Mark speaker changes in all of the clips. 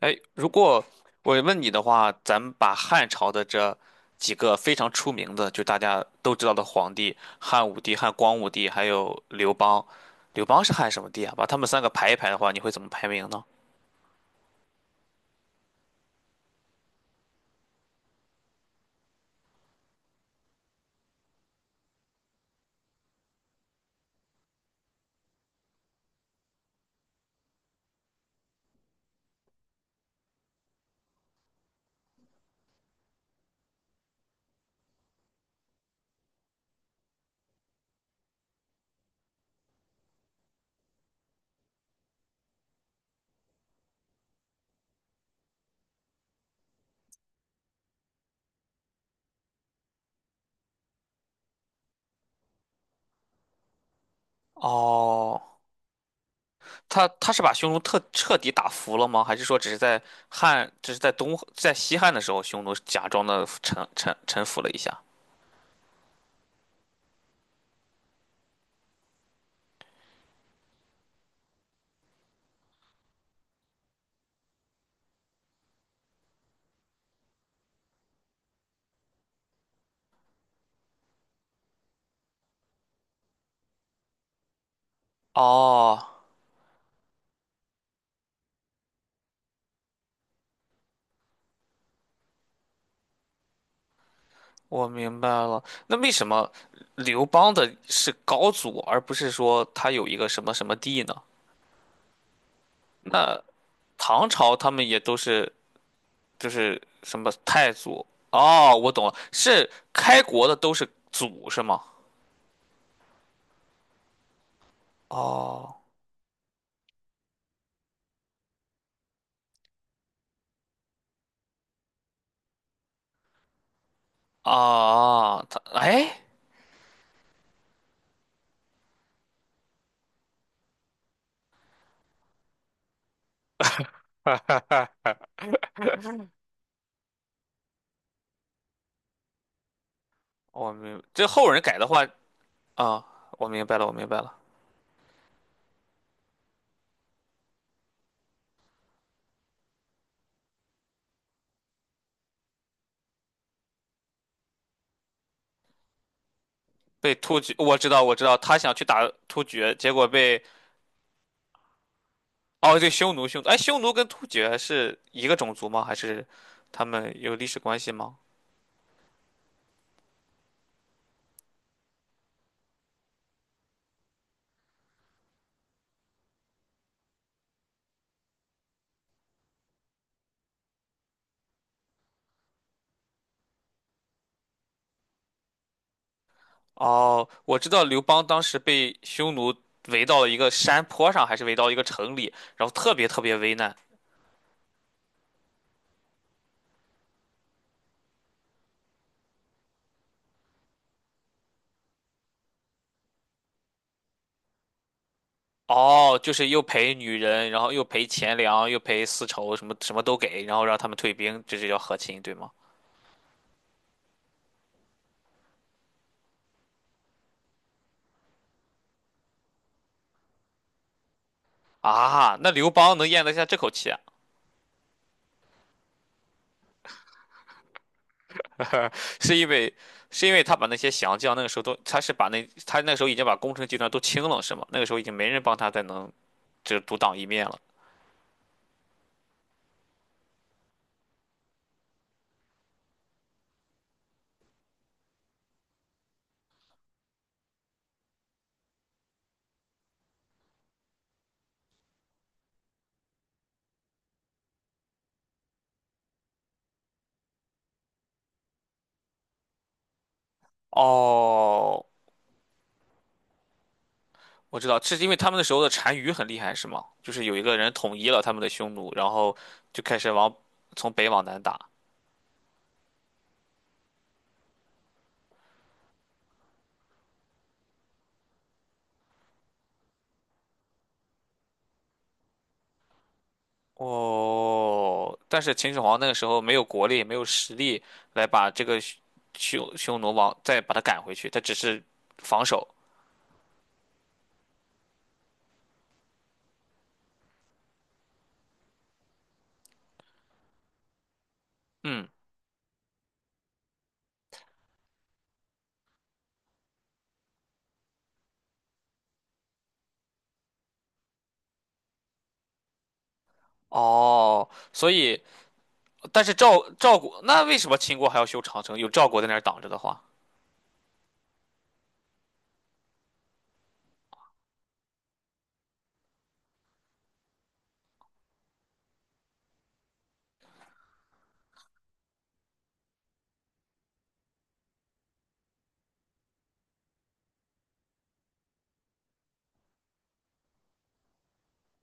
Speaker 1: 哎，如果我问你的话，咱们把汉朝的这几个非常出名的，就大家都知道的皇帝，汉武帝、汉光武帝，还有刘邦。刘邦是汉什么帝啊？把他们三个排一排的话，你会怎么排名呢？哦，他是把匈奴特彻底打服了吗？还是说只是在汉，只是在东在西汉的时候，匈奴假装的臣服了一下？哦，我明白了。那为什么刘邦的是高祖，而不是说他有一个什么什么帝呢？那唐朝他们也都是就是什么太祖？哦，我懂了，是开国的都是祖是吗？哦啊，他哎，这后人改的话啊，我明白了，我明白了。被突厥，我知道，我知道，他想去打突厥，结果被哦，对，匈奴，匈奴，哎，匈奴跟突厥是一个种族吗？还是他们有历史关系吗？哦，我知道刘邦当时被匈奴围到了一个山坡上，还是围到一个城里，然后特别特别危难。哦，就是又赔女人，然后又赔钱粮，又赔丝绸，什么什么都给，然后让他们退兵，这就叫和亲，对吗？啊，那刘邦能咽得下这口气啊，是因为是因为他把那些降将那个时候都，他是把那他那个时候已经把攻城集团都清了，是吗？那个时候已经没人帮他再能。就独当一面了。哦，我知道，这是因为他们那时候的单于很厉害，是吗？就是有一个人统一了他们的匈奴，然后就开始往从北往南打。哦，但是秦始皇那个时候没有国力，没有实力来把这个匈奴往再把他赶回去，他只是防守。嗯，哦，所以但是赵国那为什么秦国还要修长城？有赵国在那儿挡着的话，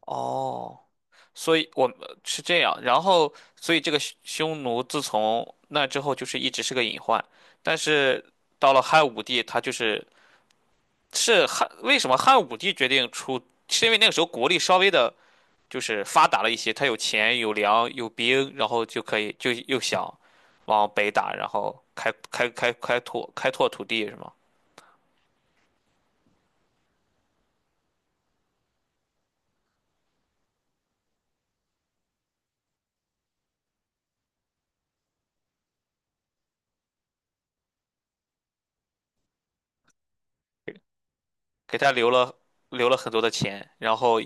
Speaker 1: 哦。所以我是这样，然后所以这个匈奴自从那之后就是一直是个隐患，但是到了汉武帝，他就是是汉，为什么汉武帝决定出，是因为那个时候国力稍微的就是发达了一些，他有钱有粮有兵，然后就可以就又想往北打，然后开拓土地是吗？给他留了很多的钱，然后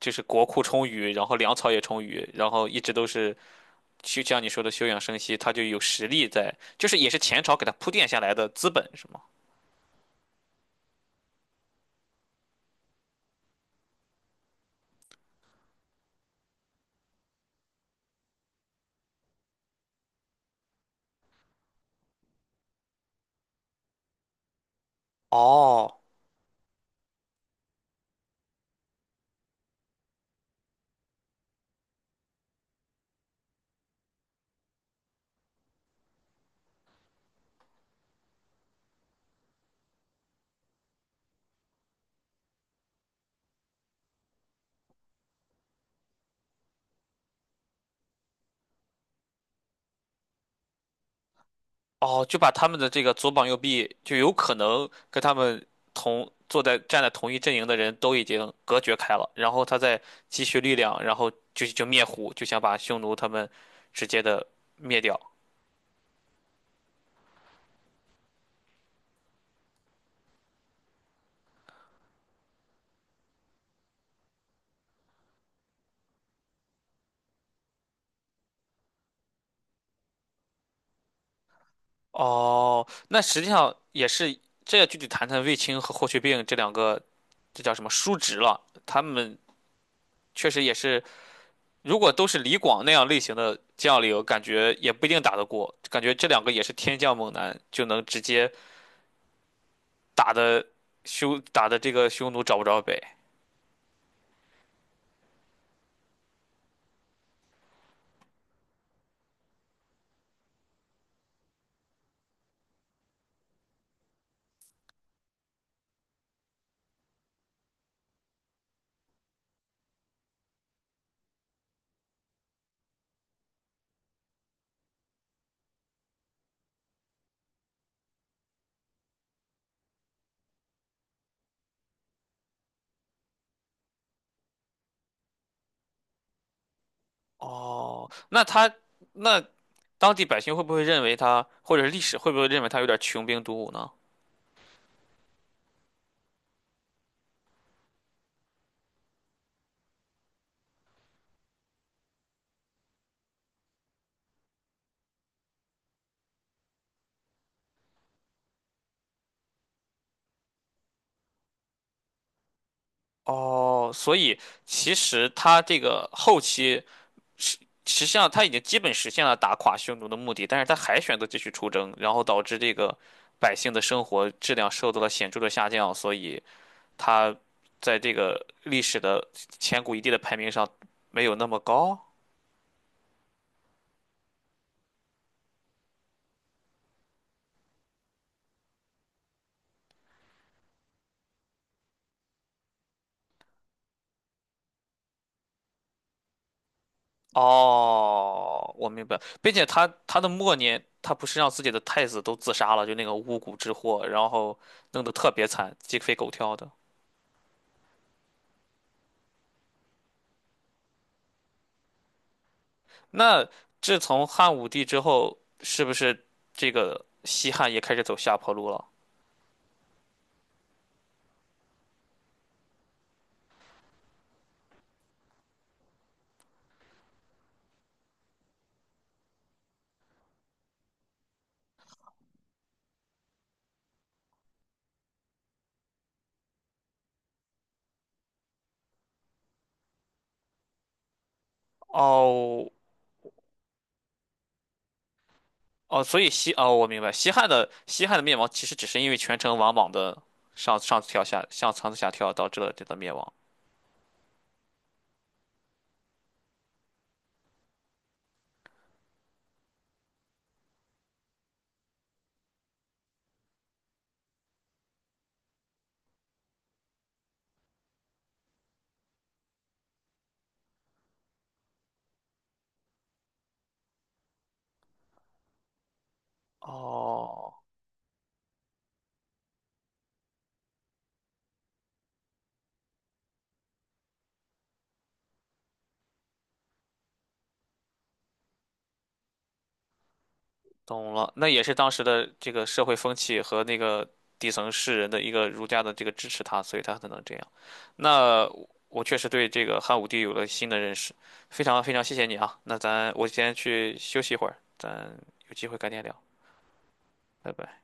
Speaker 1: 就是国库充裕，然后粮草也充裕，然后一直都是。就像你说的休养生息，他就有实力在，就是也是前朝给他铺垫下来的资本，是吗？哦哦，就把他们的这个左膀右臂，就有可能跟他们同坐在站在同一阵营的人都已经隔绝开了，然后他再积蓄力量，然后就灭胡，就想把匈奴他们直接的灭掉。哦，那实际上也是，这要具体谈谈卫青和霍去病这两个，这叫什么叔侄了？他们确实也是。如果都是李广那样类型的将领，感觉也不一定打得过。感觉这两个也是天降猛男，就能直接打的打的这个匈奴找不着北。哦，那他那当地百姓会不会认为他，或者是历史会不会认为他有点穷兵黩武呢？哦，所以其实他这个后期实实际上他已经基本实现了打垮匈奴的目的，但是他还选择继续出征，然后导致这个百姓的生活质量受到了显著的下降，所以他在这个历史的千古一帝的排名上没有那么高。哦，我明白，并且他的末年，他不是让自己的太子都自杀了，就那个巫蛊之祸，然后弄得特别惨，鸡飞狗跳的。那自从汉武帝之后，是不是这个西汉也开始走下坡路了？哦哦，所以哦，我明白，西汉的灭亡其实只是因为权臣王莽的上上跳下上上下跳导致了这个灭亡。哦，懂了，那也是当时的这个社会风气和那个底层士人的一个儒家的这个支持他，所以他才能这样。那我确实对这个汉武帝有了新的认识，非常非常谢谢你啊。那咱我先去休息一会儿，咱有机会改天聊，拜拜。